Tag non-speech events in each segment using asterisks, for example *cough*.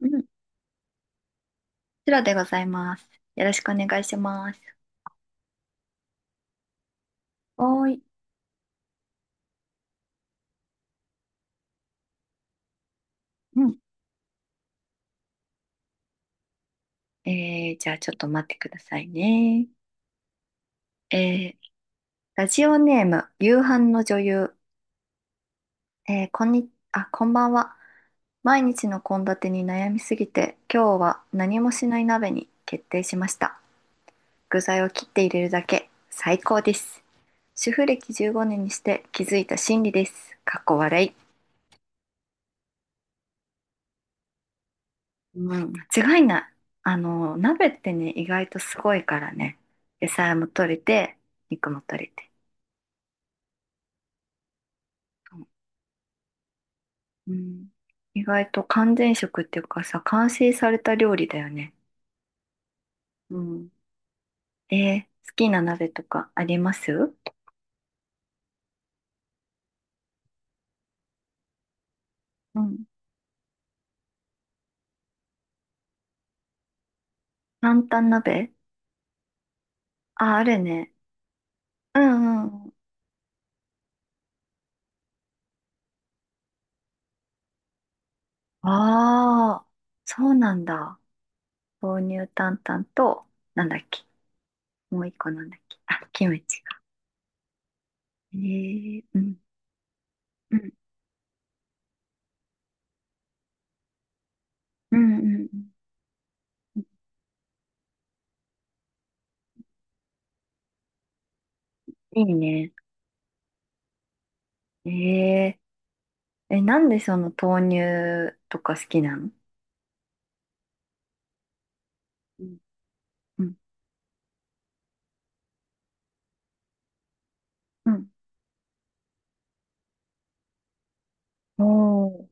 うん、こちらでございます。よろしくお願いします。おーい。うん。じゃあちょっと待ってくださいね。えー、ラジオネーム、夕飯の女優。えー、こんに、あ、こんばんは。毎日の献立に悩みすぎて、今日は何もしない鍋に決定しました。具材を切って入れるだけ。最高です。主婦歴15年にして気づいた真理です。かっこ笑い。うん、間違いない。鍋ってね、意外とすごいからね。野菜も取れて、肉も取れて。うん、意外と完全食っていうかさ、完成された料理だよね。うん。えー好きな鍋とかあります？うん。タン鍋。あ、あるね。うんうん。ああ、そうなんだ。豆乳担々と、なんだっけ。もう一個なんだっけ。あ、キムチか。うん。うん。うんうんうん。いいね。えええ、なんでその豆乳とか好きなの？うんうん。うん。おー。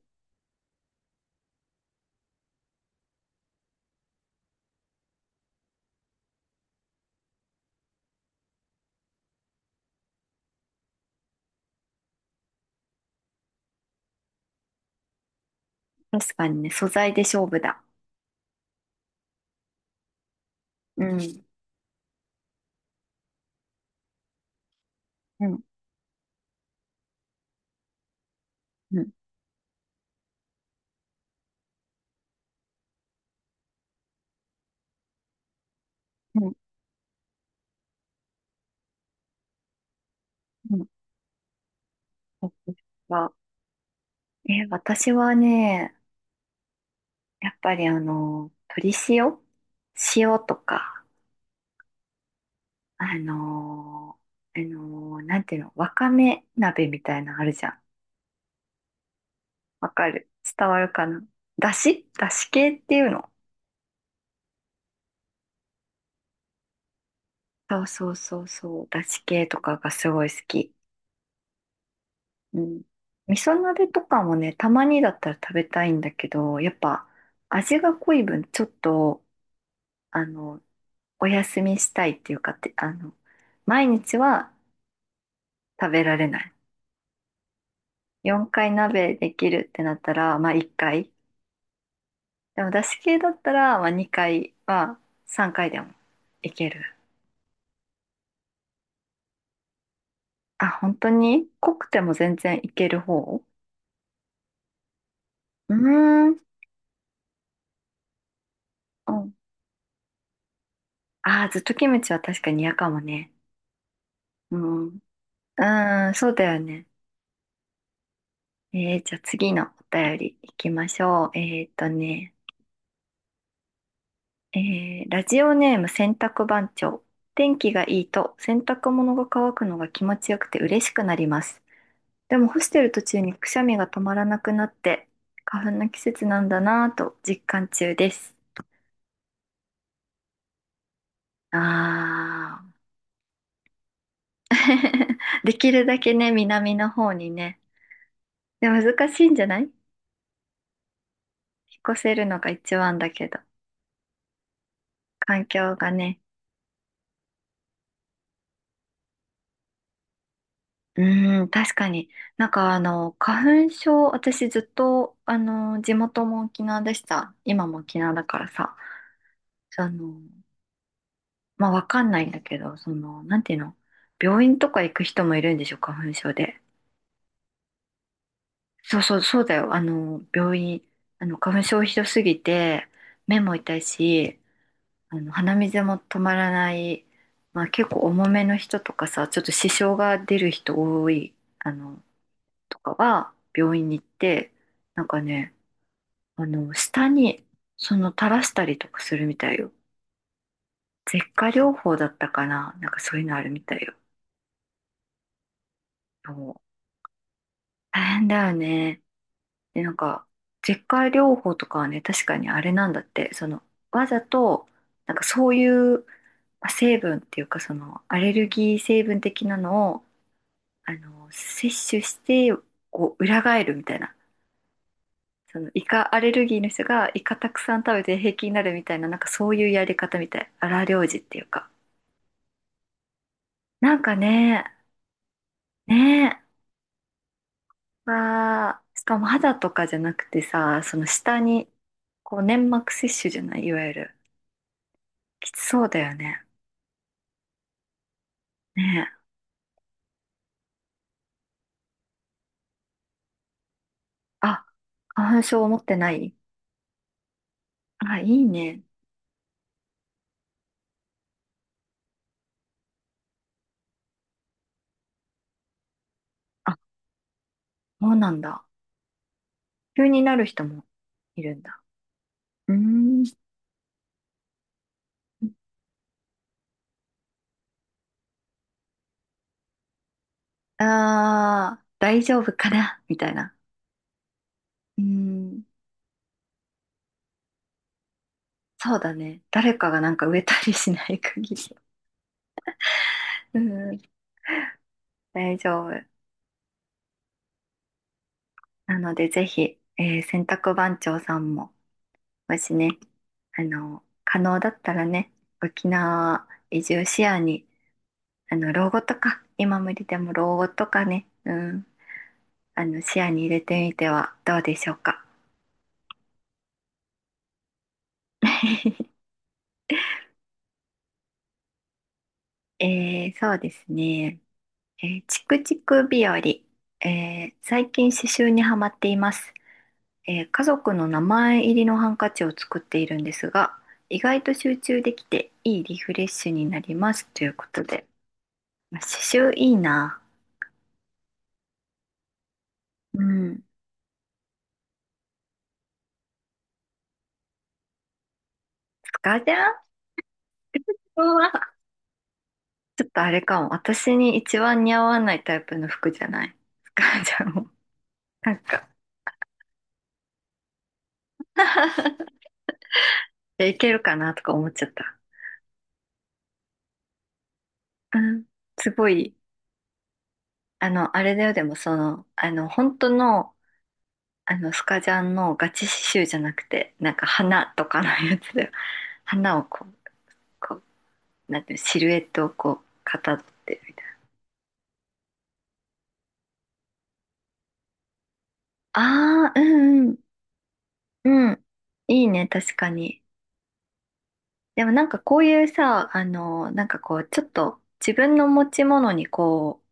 確かにね、素材で勝負だ。うん。うん。うん。うん。うん、私は、え、私はね、やっぱり鶏塩塩とか、あのなんていうの、わかめ鍋みたいなのあるじゃん。わかる？伝わるかな？だしだし系っていうの？そうそうそうそう。だし系とかがすごい好き。うん。味噌鍋とかもね、たまにだったら食べたいんだけど、やっぱ味が濃い分、ちょっと、あの、お休みしたいっていうかって、毎日は食べられない。4回鍋できるってなったら、まあ1回。でもだし系だったら、まあ2回は3回でもいける。あ、本当に濃くても全然いける方？うーん。うん。ああ、ずっとキムチは確かに嫌かもね。うん。うーん、そうだよね。じゃあ次のお便り行きましょう。ね、えー、ラジオネーム洗濯番長。天気がいいと洗濯物が乾くのが気持ちよくて嬉しくなります。でも干してる途中にくしゃみが止まらなくなって花粉の季節なんだなぁと実感中です。ああ。*laughs* できるだけね、南の方にね。で、難しいんじゃない？引っ越せるのが一番だけど、環境がね。うーん、確かに。なんか花粉症、私ずっと、地元も沖縄でした。今も沖縄だからさ、あの、まあ、わかんないんだけど、なんていうの、病院とか行く人もいるんでしょ、花粉症で。そうそう、そうだよ。病院、花粉症ひどすぎて、目も痛いし、あの鼻水も止まらない、まあ、結構重めの人とかさ、ちょっと支障が出る人多い、あの、とかは、病院に行って、なんかね、下に、垂らしたりとかするみたいよ。舌下療法だったかな、なんかそういうのあるみたいよ。そう。大変だよね。で、なんか、舌下療法とかはね、確かにあれなんだって、その、わざと、なんかそういう、まあ成分っていうか、その、アレルギー成分的なのを、摂取して、こう、裏返るみたいな。その、イカアレルギーの人が、イカたくさん食べて平気になるみたいな、なんかそういうやり方みたい。荒療治っていうか。なんかね、ねえ、わあ、しかも肌とかじゃなくてさ、その下に、こう、粘膜摂取じゃない、いわゆる。きつそうだよね。ねえ。あ、花粉症持ってない？あ、いいね。あ、そうなんだ。急になる人もいるんだ。うーん。ああ、大丈夫かなみたいな。うん、そうだね。誰かがなんか植えたりしない限り。うん、大丈夫。なので、ぜひ、えー洗濯番長さんも、もしね、可能だったらね、沖縄移住視野に、老後とか、今無理でも老後とかね、うん、視野に入れてみてはどうでしょうか。*laughs* えー、そうですね。えーチクチク日和、えー最近刺繍にはまっています、えー家族の名前入りのハンカチを作っているんですが、意外と集中できていいリフレッシュになりますということで。まあ刺繍いいな。うん。スカジャンは、ちょっとあれかも。私に一番似合わないタイプの服じゃない。スカジャンも。なんか、*laughs* でいけるかなとか思っちゃった。うん。すごい、あの、あれだよ、でもその、あの、本当のスカジャンのガチ刺繍じゃなくて、なんか花とかのやつで、花をこう、こう、なんていうの、シルエットをこう、かたどってるみたいな。ああ、うんうん、うん。いいね、確かに。でもなんかこういうさ、なんかこう、ちょっと自分の持ち物にこう、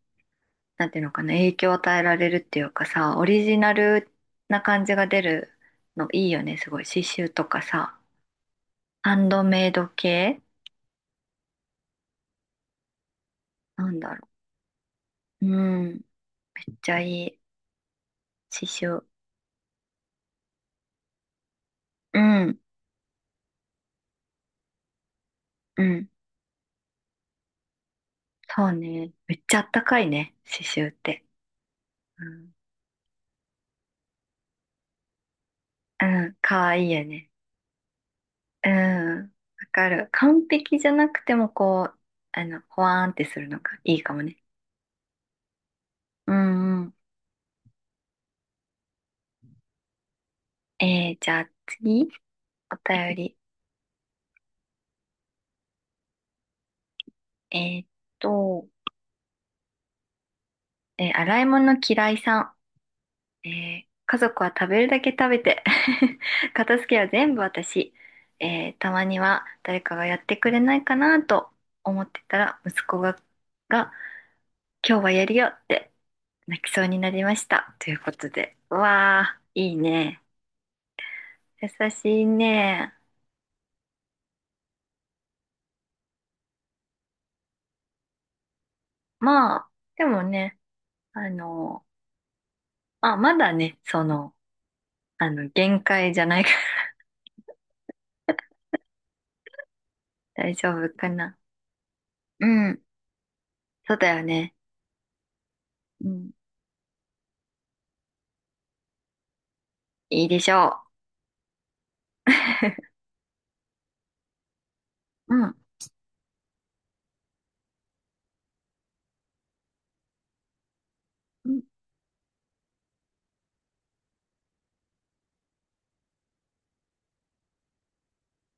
なんていうのかな、影響を与えられるっていうかさ、オリジナルな感じが出るのいいよね、すごい。刺繍とかさ、ハンドメイド系なんだろう。うん。めっちゃいい。刺繍。うん、うん。そうね。めっちゃあったかいね。刺繍って。うん、うん、かわいいよね。うん。わかる。完璧じゃなくても、こう、ほわーんってするのがいいかもね。うんうん。じゃあ次、お便り。えーっと、洗い物嫌いさん。えー家族は食べるだけ食べて *laughs* 片付けは全部私、えーたまには誰かがやってくれないかなと思ってたら息子が、が今日はやるよって泣きそうになりましたということで、うわあいいね。優しいね。まあでもね、あの、まあまだね、その、あの、限界じゃないから。 *laughs* 大丈夫かな。うん、そうだよね。うん。いいでしょう。うん。